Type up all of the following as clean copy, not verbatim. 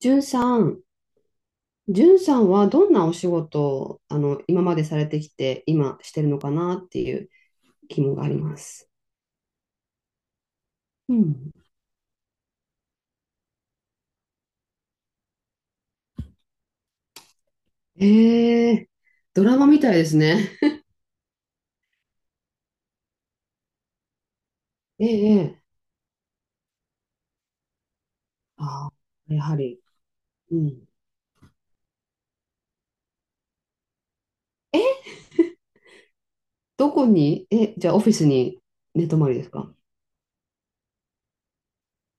じゅんさん、じゅんさんはどんなお仕事を今までされてきて、今してるのかなっていう疑問があります。うん。ええ、ドラマみたいですね。ええ、ええ。ああ、やはり。うん。え、どこに、え、じゃあオフィスに寝泊まりですか？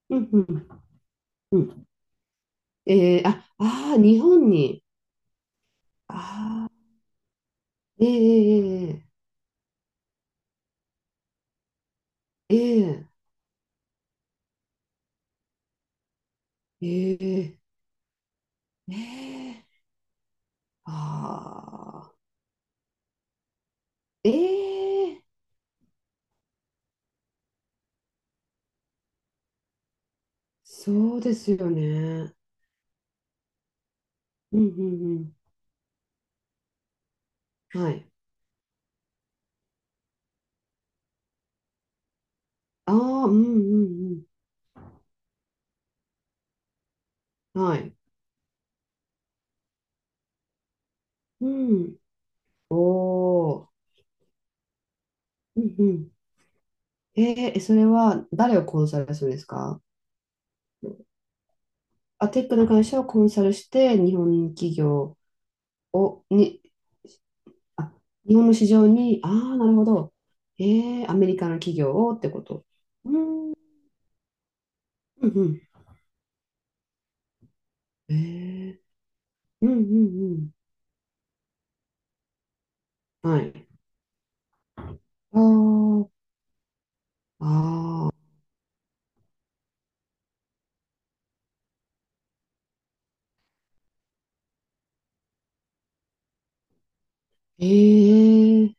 うん、うん、うん。ええ、あ、ああ、日本に。ああ。ええ、ええ、ええ、ええ、ええ、ええ。ああ。ええ、そうですよね。うん、うん、うん。はい。ああ、うん、うん、うん。はい。うん。おお。うん、うん。えー、それは誰をコンサルするんですか？あ、テックの会社をコンサルして、日本企業を、に、あ、日本の市場に、ああ、なるほど。えー、アメリカの企業をってこと。うん、うん、うん。えー、うん、うん、うん。はい。ああ、ああ、ええー、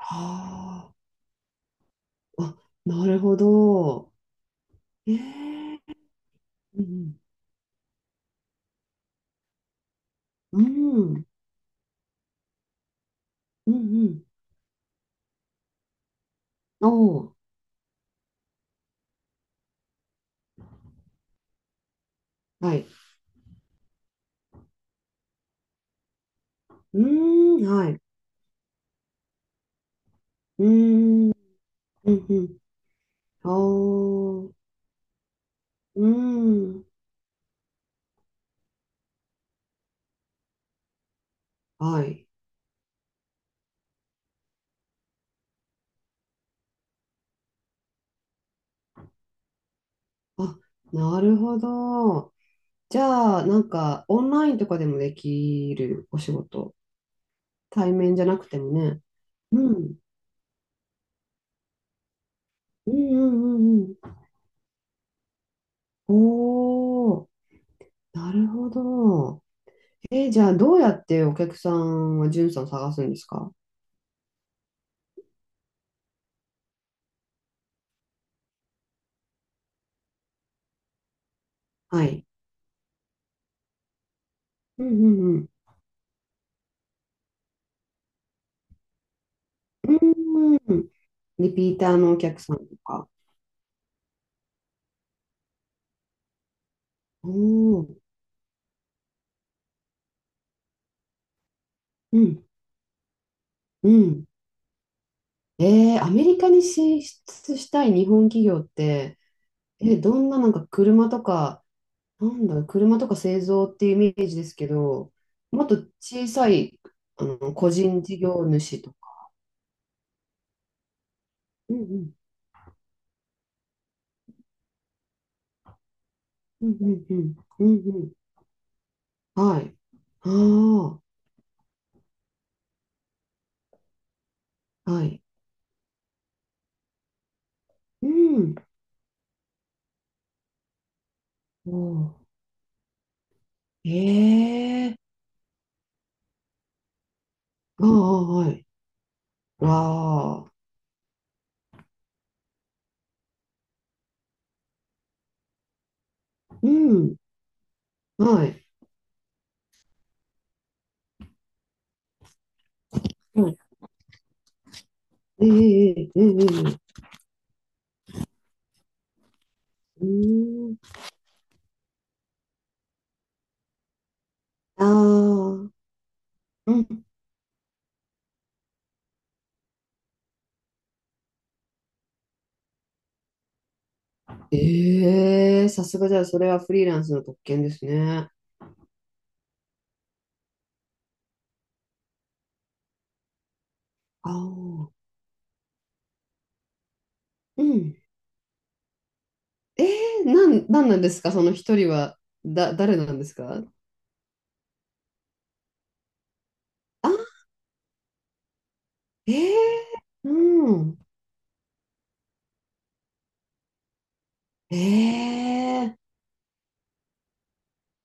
ああ。あ、なるほど。ええ、うん、うん。うん。うん、うん。おお。はい。うーん。はい。うーん。うん、うん。あー、うーん。はい。あ、なるほど。じゃあ、なんか、オンラインとかでもできるお仕事。対面じゃなくてもね。うん。うん、うん、うん、うん。おお。なるほど。えー、じゃあ、どうやってお客さんは、んさん探すんですか？はい。うん、うん、うん。うーん。リピーターのお客さんとか。おー、うん。うん。えー、アメリカに進出したい日本企業って、え、どんな、なんか車とか、なんだろう、車とか製造っていうイメージですけど、もっと小さい、個人事業主とか。うん、うん、うん、うん、うん。うん、うん。はい。ああ、はい。うん。おー、ええ、ああ、はい。わあ。うん。はい。はい、ええ、ええ、ええ、ええ、うーん。ああ。うん。ええ、さすが。じゃあ、それはフリーランスの特権ですね。ああ。うん。ええ、なん、なんなんですかその一人は、だ、誰なんですか？あ、ええ、うん。ええ、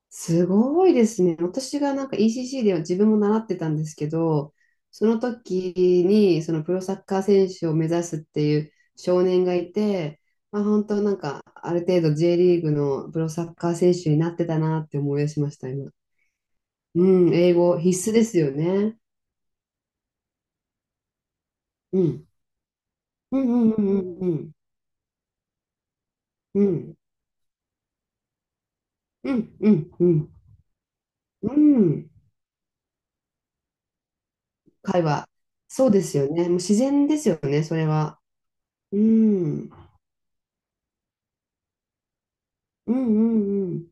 すごいですね。私がなんか ECC では自分も習ってたんですけど、その時にそのプロサッカー選手を目指すっていう少年がいて、まあ、本当なんかある程度 J リーグのプロサッカー選手になってたなって思い出しました、今。うん、英語必須ですよね。うん。うん、うん、うん、うん、うん。うん、うん、うん。うん。会話。そうですよね。もう自然ですよね、それは。うん。うん、うん、うん。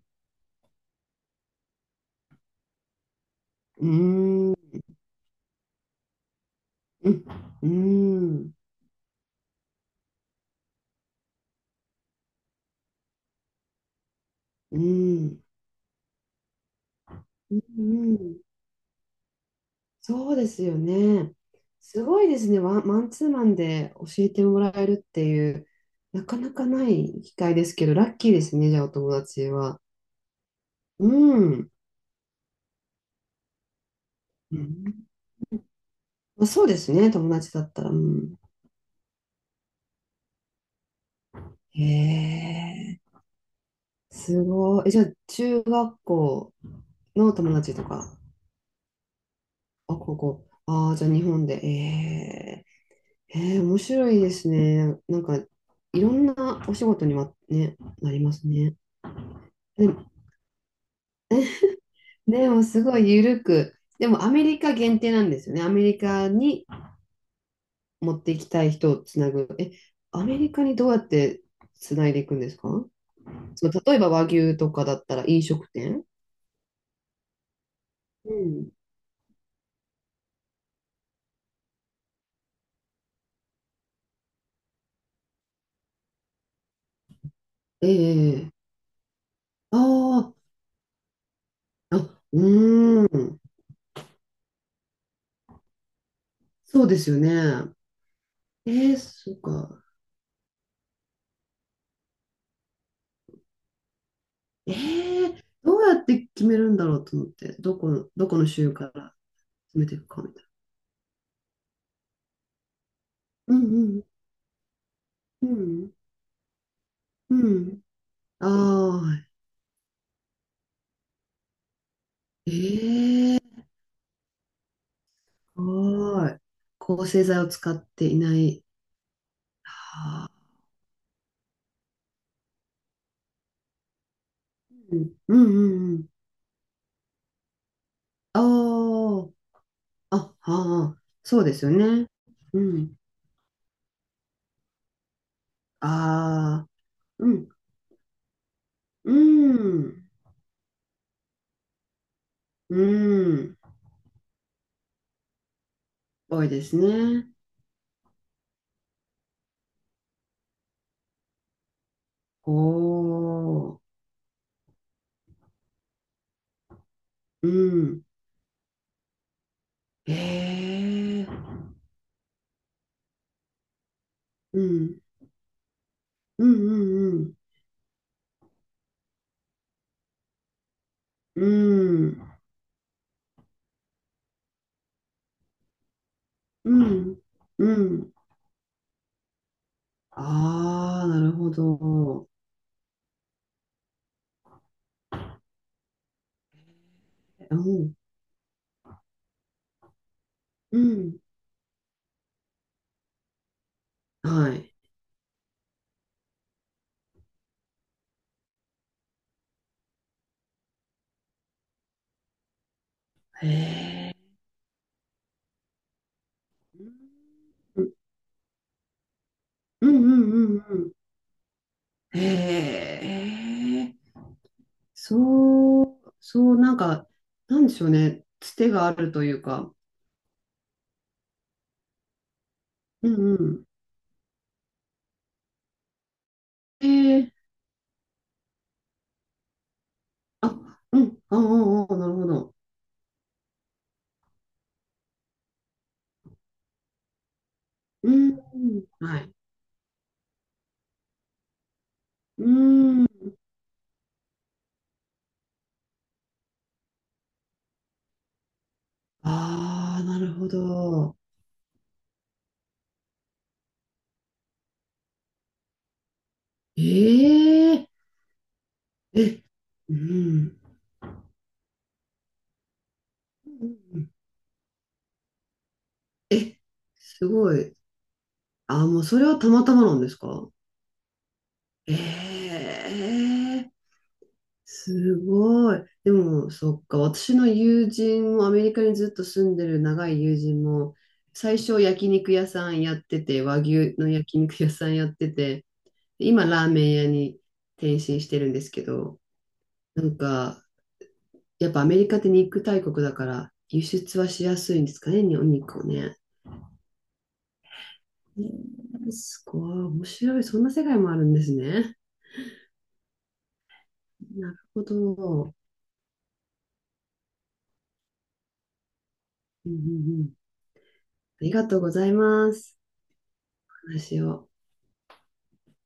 うん。うん、うん、うん、うん、そうですよね。すごいですね。ワン、マンツーマンで教えてもらえるっていう、なかなかない機会ですけど、ラッキーですね、じゃあお友達は。うん。うん、まあ、そうですね、友達だったら。うん、へえ、すごい。え、じゃあ中学校の友達とか、あ、高校。ああ、じゃあ日本で。ええ、えー、面白いですね。なんか、いろんなお仕事にはね、なりますね。でも、でもすごい緩く、でもアメリカ限定なんですよね。アメリカに持っていきたい人をつなぐ。え、アメリカにどうやってつないでいくんですか？そう、例えば和牛とかだったら飲食店。うん。ええ、あ、あー、あ、うーん。そうですよね。えー、そうか。ええ、どうやって決めるんだろうと思って、どこの、どこの州から決めていくかみたいな。うん、うん、うん。うん。ああ、ええー、すごい。抗生剤を使っていない。ああ、うん、うん、うん。ああ、あ、ああ、そうですよね。うん。ああ、うん、うん、うん。多いですね。おお、うん。ええ、うん、うん、うん、うん。うん。うん。うん。ああ、なるほど。うん。うん。はい。へえ。うん、うん、うん、うん、うん。へえ。そう、そう、なんか、なんでしょうね。つてがあるというか。うん、うん。へえ。あ、うん。ああ、ああ、なるほど。うん。はい。うん。ああ、なるほど。ええ、え、うん。え、すごい。あ、もうそれはたまたまなんですか？ええ、すごい。でも、そっか、私の友人も、アメリカにずっと住んでる長い友人も、最初焼肉屋さんやってて、和牛の焼肉屋さんやってて、今ラーメン屋に転身してるんですけど、なんか、やっぱアメリカって肉大国だから、輸出はしやすいんですかね、お肉をね。えー、すごい、面白い。そんな世界もあるんですね。なるほど。うん、うん、うん。ありがとうございます。お話を。